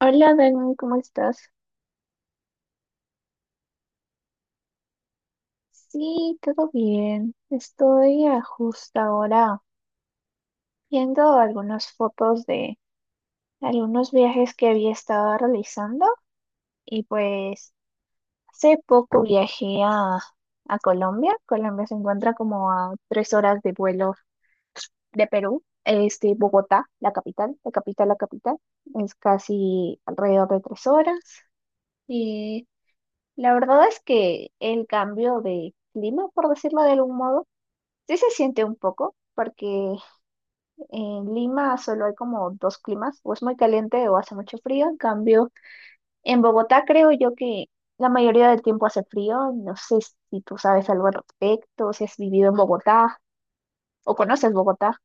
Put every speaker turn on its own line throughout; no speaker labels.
Hola, Dani, ¿cómo estás? Sí, todo bien. Estoy a justo ahora viendo algunas fotos de algunos viajes que había estado realizando y pues hace poco viajé a Colombia. Colombia se encuentra como a 3 horas de vuelo de Perú. Bogotá, la capital, es casi alrededor de 3 horas. Y la verdad es que el cambio de clima, por decirlo de algún modo, sí se siente un poco, porque en Lima solo hay como dos climas, o es muy caliente o hace mucho frío. En cambio, en Bogotá creo yo que la mayoría del tiempo hace frío. No sé si tú sabes algo al respecto, si has vivido en Bogotá o conoces Bogotá.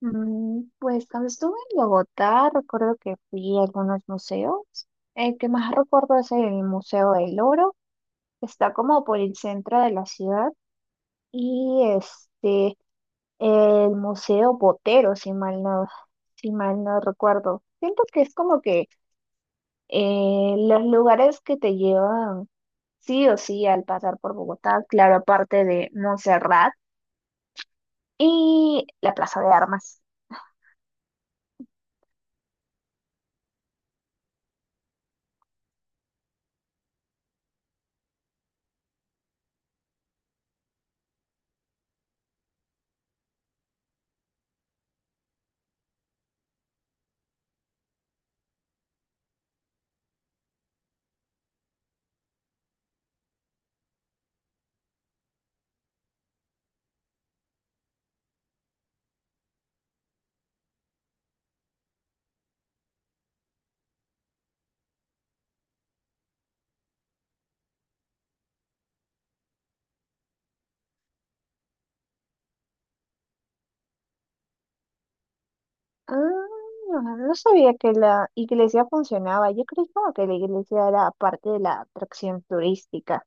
Pues cuando estuve en Bogotá, recuerdo que fui a algunos museos. El que más recuerdo es el Museo del Oro, que está como por el centro de la ciudad. Y el Museo Botero, si mal no recuerdo. Siento que es como que los lugares que te llevan sí o sí al pasar por Bogotá, claro, aparte de Montserrat y la Plaza de Armas. Ah, no sabía que la iglesia funcionaba. Yo creí como que la iglesia era parte de la atracción turística.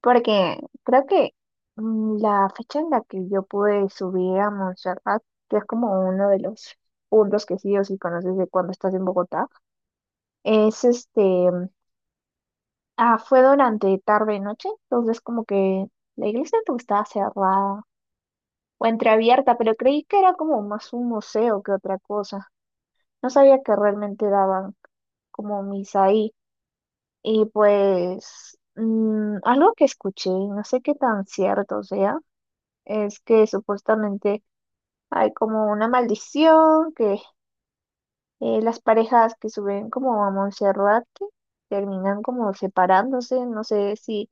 Porque creo que la fecha en la que yo pude subir a Montserrat, que es como uno de los puntos que sí o sí conoces de cuando estás en Bogotá, es este, fue durante tarde noche, entonces como que la iglesia como estaba cerrada o entreabierta, pero creí que era como más un museo que otra cosa. No sabía que realmente daban como misa ahí. Y pues algo que escuché, no sé qué tan cierto sea es que supuestamente hay como una maldición, que las parejas que suben como a Monserrate terminan como separándose, no sé si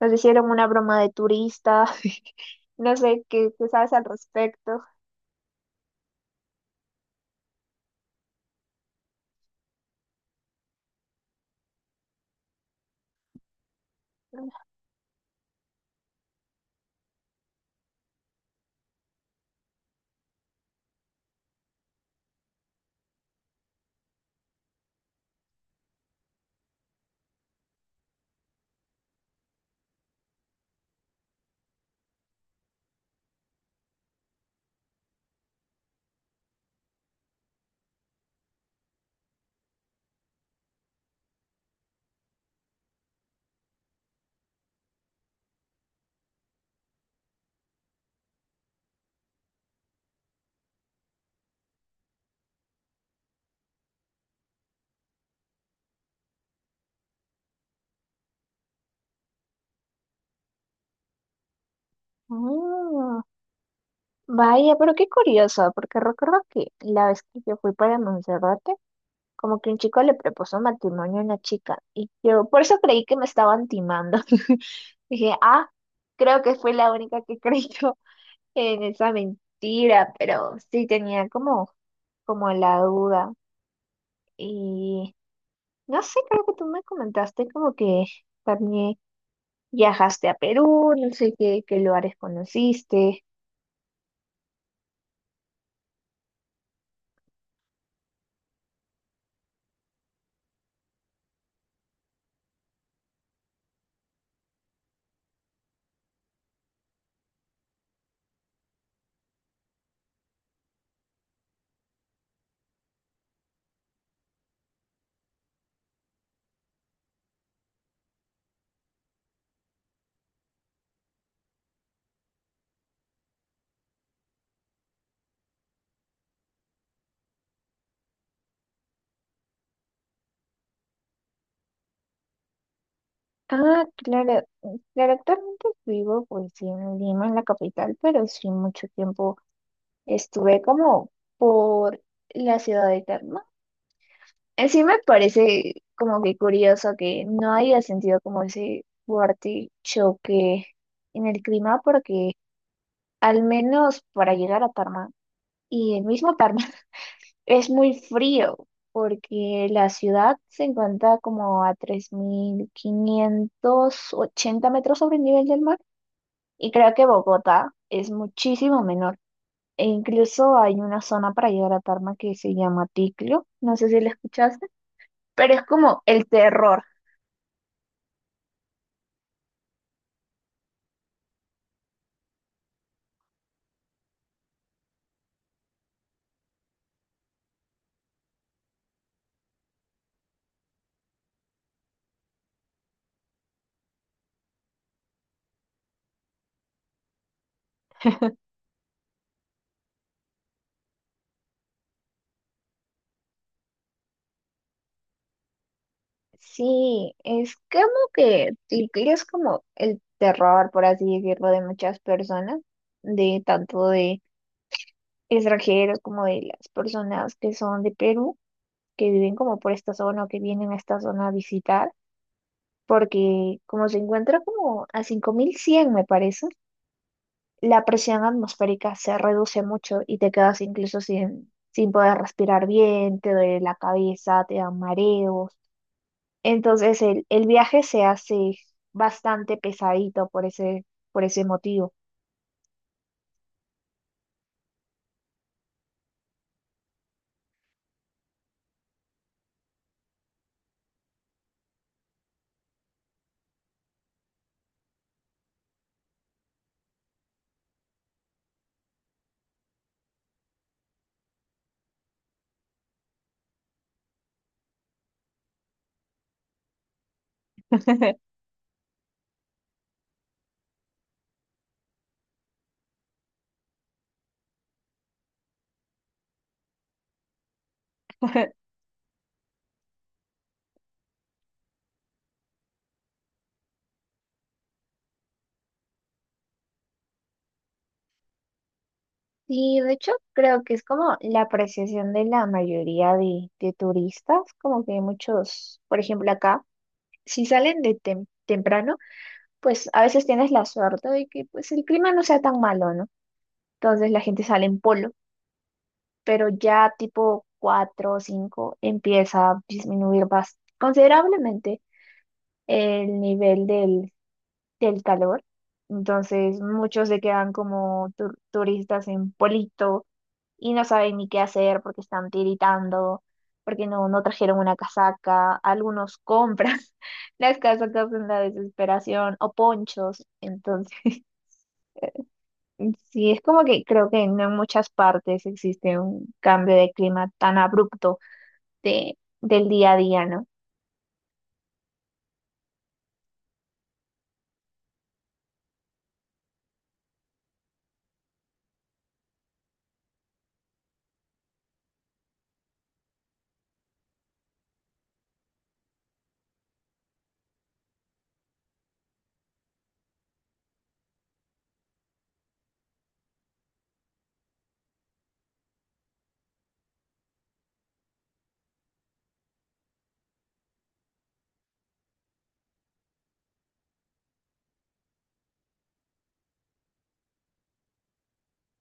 nos hicieron una broma de turista. No sé qué sabes al respecto. Ah, vaya, pero qué curioso, porque recuerdo que la vez que yo fui para Monserrate, como que un chico le propuso matrimonio a una chica y yo por eso creí que me estaban timando. Dije, ah, creo que fue la única que creyó en esa mentira, pero sí tenía como la duda y no sé, creo que tú me comentaste como que también viajaste a Perú, no sé qué lugares conociste. Ah, claro, claro, actualmente vivo pues sí en Lima, en la capital, pero sí mucho tiempo estuve como por la ciudad eterna. En sí me parece como que curioso que no haya sentido como ese fuerte choque en el clima porque al menos para llegar a Tarma y el mismo Tarma es muy frío porque la ciudad se encuentra como a 3580 metros sobre el nivel del mar y creo que Bogotá es muchísimo menor. E incluso hay una zona para llegar a Tarma que se llama Ticlio, no sé si la escuchaste, pero es como el terror. Sí, es como que Ticlio es como el terror, por así decirlo, de muchas personas, de tanto de extranjeros como de las personas que son de Perú, que viven como por esta zona o que vienen a esta zona a visitar, porque como se encuentra como a 5100 me parece. La presión atmosférica se reduce mucho y te quedas incluso sin poder respirar bien, te duele la cabeza, te dan mareos. Entonces el viaje se hace bastante pesadito por ese motivo. Y de hecho creo que es como la apreciación de la mayoría de turistas, como que muchos, por ejemplo acá, si salen de temprano, pues a veces tienes la suerte de que pues el clima no sea tan malo, ¿no? Entonces la gente sale en polo, pero ya tipo 4 o 5 empieza a disminuir considerablemente el nivel del calor. Entonces muchos se quedan como turistas en Polito y no saben ni qué hacer porque están tiritando, porque no, no trajeron una casaca. Algunos compran las casacas en la desesperación o ponchos. Entonces, sí, es como que creo que no en muchas partes existe un cambio de clima tan abrupto del día a día, ¿no?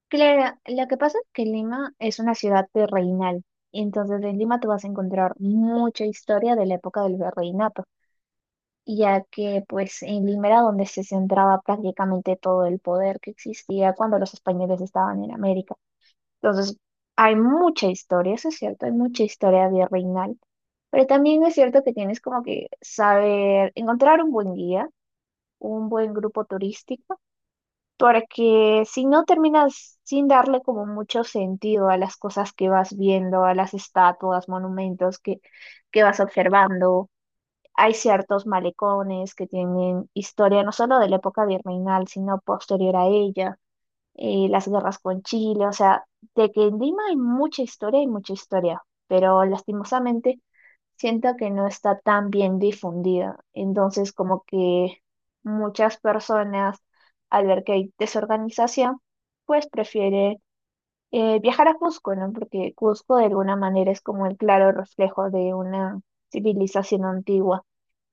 Claro, lo que pasa es que Lima es una ciudad virreinal, y entonces en Lima tú vas a encontrar mucha historia de la época del virreinato, ya que pues en Lima era donde se centraba prácticamente todo el poder que existía cuando los españoles estaban en América. Entonces hay mucha historia, eso es cierto, hay mucha historia virreinal, pero también es cierto que tienes como que saber encontrar un buen guía, un buen grupo turístico. Porque si no, terminas sin darle como mucho sentido a las cosas que vas viendo, a las estatuas, monumentos que vas observando. Hay ciertos malecones que tienen historia no solo de la época virreinal, sino posterior a ella, las guerras con Chile. O sea, de que en Lima hay mucha historia, pero lastimosamente siento que no está tan bien difundida. Entonces, como que muchas personas, al ver que hay desorganización, pues prefieren viajar a Cusco, ¿no? Porque Cusco de alguna manera es como el claro reflejo de una civilización antigua.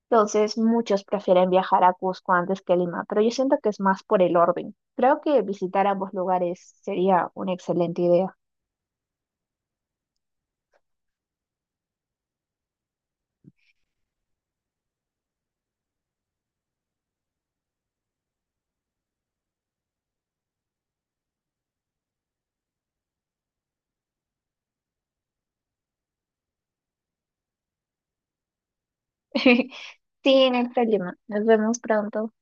Entonces, muchos prefieren viajar a Cusco antes que a Lima, pero yo siento que es más por el orden. Creo que visitar ambos lugares sería una excelente idea. Sí, en hay Lima. Nos vemos pronto.